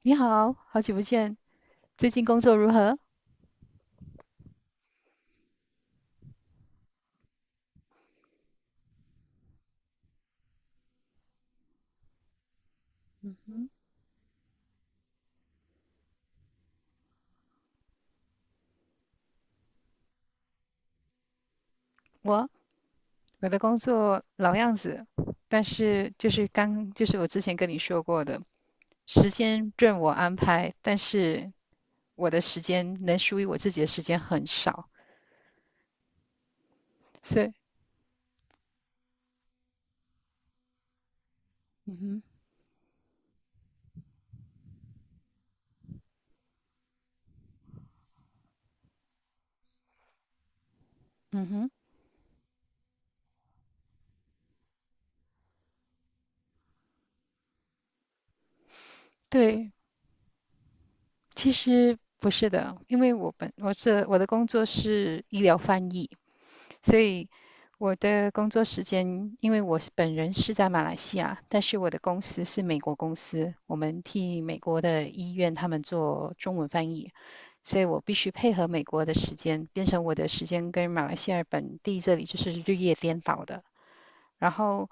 你好，好久不见，最近工作如何？我我的工作老样子，但是就是刚就是我之前跟你说过的，时间任我安排，但是我的时间能属于我自己的时间很少，所以，嗯哼嗯哼，对，其实不是的，因为我的工作是医疗翻译，所以我的工作时间，因为我本人是在马来西亚，但是我的公司是美国公司，我们替美国的医院他们做中文翻译，所以我必须配合美国的时间，变成我的时间跟马来西亚本地这里就是日夜颠倒的。然后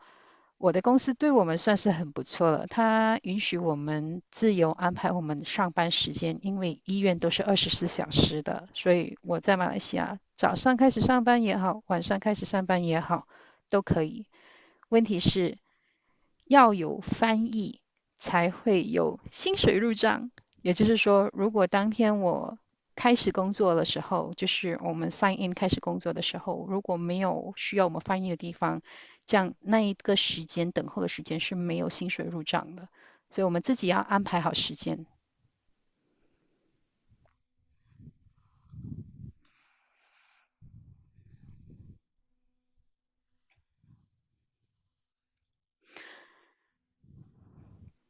我的公司对我们算是很不错了，它允许我们自由安排我们上班时间，因为医院都是24小时的，所以我在马来西亚早上开始上班也好，晚上开始上班也好，都可以。问题是要有翻译才会有薪水入账。也就是说，如果当天我开始工作的时候，就是我们 sign in 开始工作的时候，如果没有需要我们翻译的地方，这样那一个时间等候的时间是没有薪水入账的。所以我们自己要安排好时间。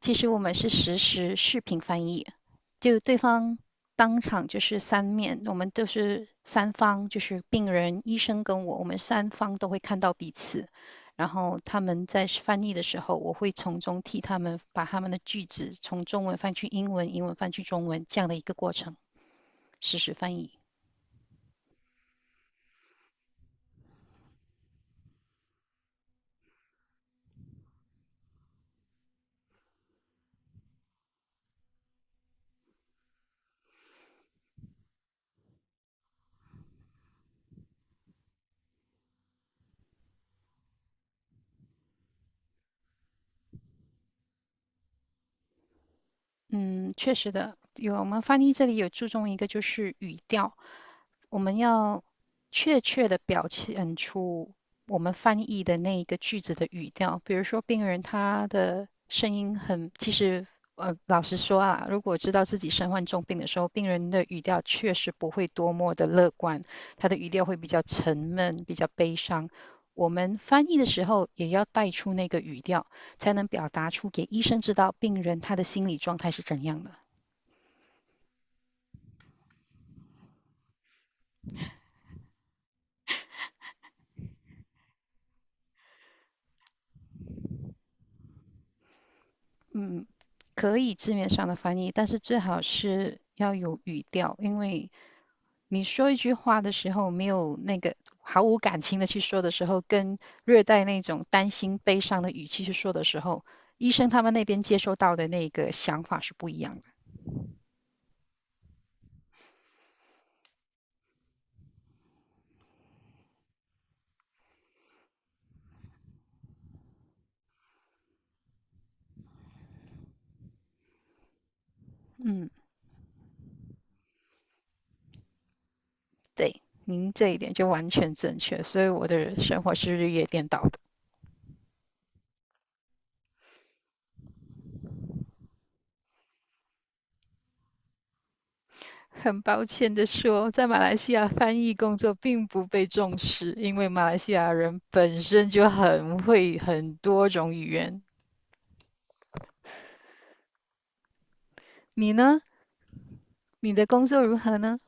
其实我们是实时视频翻译。就对方当场就是三面，我们都是三方，就是病人、医生跟我，我们三方都会看到彼此。然后他们在翻译的时候，我会从中替他们把他们的句子从中文翻去英文，英文翻去中文这样的一个过程，实时翻译。嗯，确实的，有我们翻译这里有注重一个就是语调，我们要确切的表现出我们翻译的那一个句子的语调。比如说，病人他的声音很，其实老实说啊，如果知道自己身患重病的时候，病人的语调确实不会多么的乐观，他的语调会比较沉闷，比较悲伤。我们翻译的时候也要带出那个语调，才能表达出给医生知道病人他的心理状态是怎样的。嗯，可以字面上的翻译，但是最好是要有语调，因为你说一句话的时候，没有那个毫无感情的去说的时候，跟略带那种担心、悲伤的语气去说的时候，医生他们那边接收到的那个想法是不一样的。对，您这一点就完全正确，所以我的生活是日夜颠倒的。很抱歉的说，在马来西亚翻译工作并不被重视，因为马来西亚人本身就很会很多种语言，你呢？你的工作如何呢？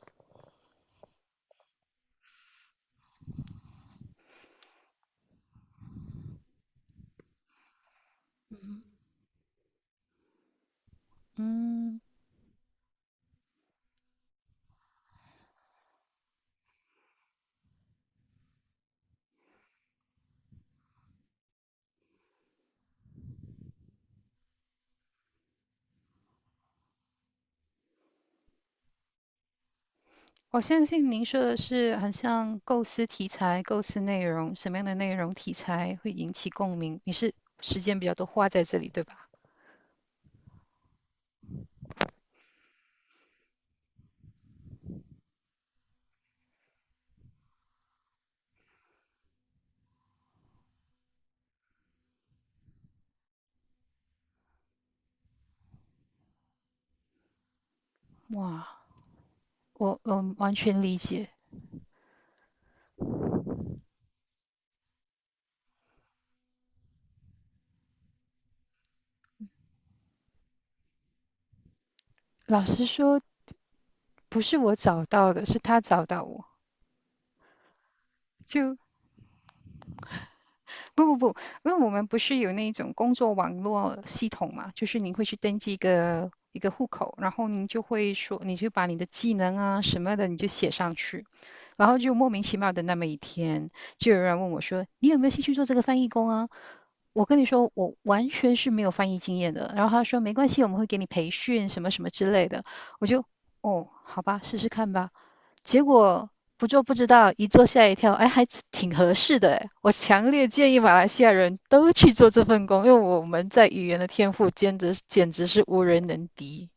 我相信您说的是很像构思题材、构思内容，什么样的内容题材会引起共鸣？你是时间比较多花在这里，对吧？哇，我完全理解。老实说，不是我找到的，是他找到我。就不不不，因为我们不是有那种工作网络系统嘛，就是您会去登记一个一个户口，然后您就会说，你就把你的技能啊什么的，你就写上去。然后就莫名其妙的那么一天，就有人问我说：“你有没有兴趣做这个翻译工啊？”我跟你说，我完全是没有翻译经验的。然后他说：“没关系，我们会给你培训什么什么之类的。”我就哦，好吧，试试看吧。结果不做不知道，一做吓一跳，哎，还挺合适的哎。我强烈建议马来西亚人都去做这份工，因为我们在语言的天赋简直简直是无人能敌。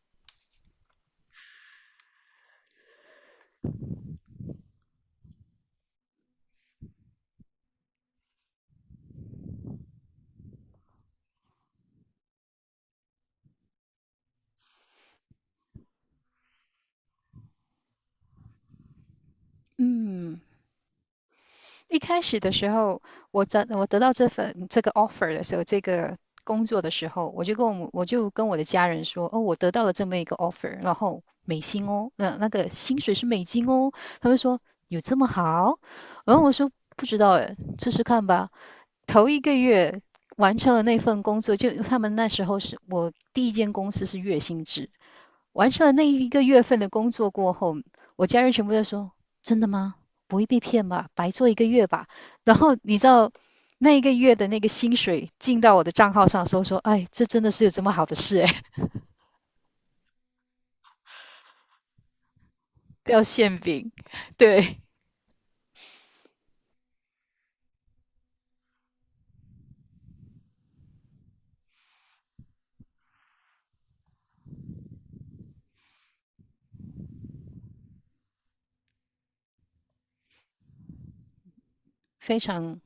嗯，一开始的时候，我得到这份这个 offer 的时候，这个工作的时候，我就跟我的家人说，哦，我得到了这么一个 offer，然后美金哦，那个薪水是美金哦，他们说有这么好？然后我说不知道哎，试试看吧。头一个月完成了那份工作，就他们那时候是我第一间公司是月薪制，完成了那一个月份的工作过后，我家人全部在说：真的吗？不会被骗吧？白做一个月吧？然后你知道那一个月的那个薪水进到我的账号上的时候说：哎，这真的是有这么好的事哎，掉馅饼，对，非常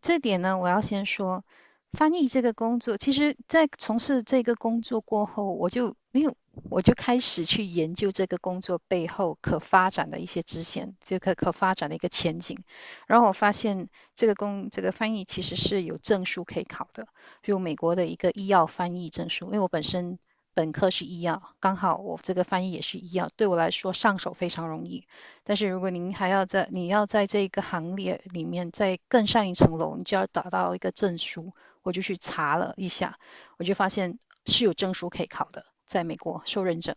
这点呢，我要先说，翻译这个工作，其实，在从事这个工作过后，我就没有，我就开始去研究这个工作背后可发展的一些支线，就可发展的一个前景。然后我发现，这个工这个翻译其实是有证书可以考的，有美国的一个医药翻译证书。因为我本身本科是医药，刚好我这个翻译也是医药，对我来说上手非常容易。但是如果您还要在你要在这一个行列里面再更上一层楼，你就要达到一个证书。我就去查了一下，我就发现是有证书可以考的，在美国受认证。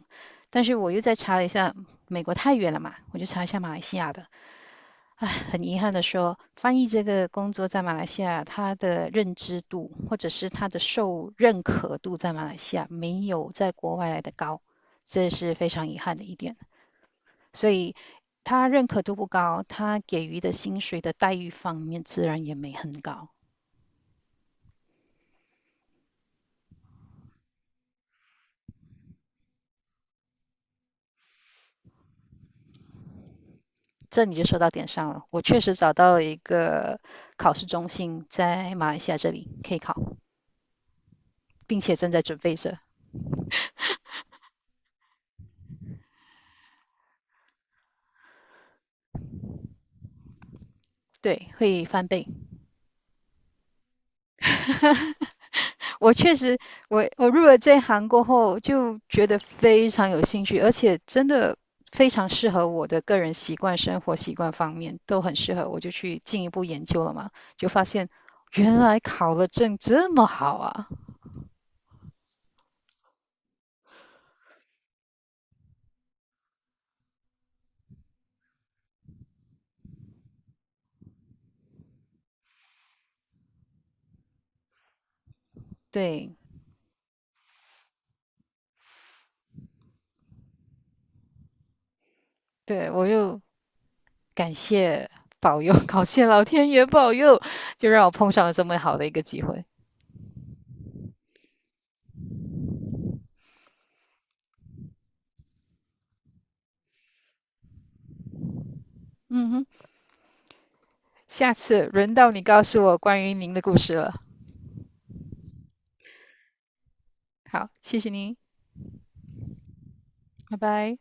但是我又再查了一下，美国太远了嘛，我就查一下马来西亚的。唉，很遗憾的说，翻译这个工作在马来西亚，它的认知度或者是它的受认可度在马来西亚没有在国外来的高，这是非常遗憾的一点。所以他认可度不高，他给予的薪水的待遇方面自然也没很高。这你就说到点上了。我确实找到了一个考试中心，在马来西亚这里可以考，并且正在准备着。对，会翻倍。我确实，我入了这行过后，就觉得非常有兴趣，而且真的非常适合我的个人习惯、生活习惯方面都很适合。我就去进一步研究了嘛，就发现原来考了证这么好啊！对对，我又感谢保佑，感谢老天爷保佑，就让我碰上了这么好的一个机会。嗯哼，下次轮到你告诉我关于您的故事了。好，谢谢您，拜拜。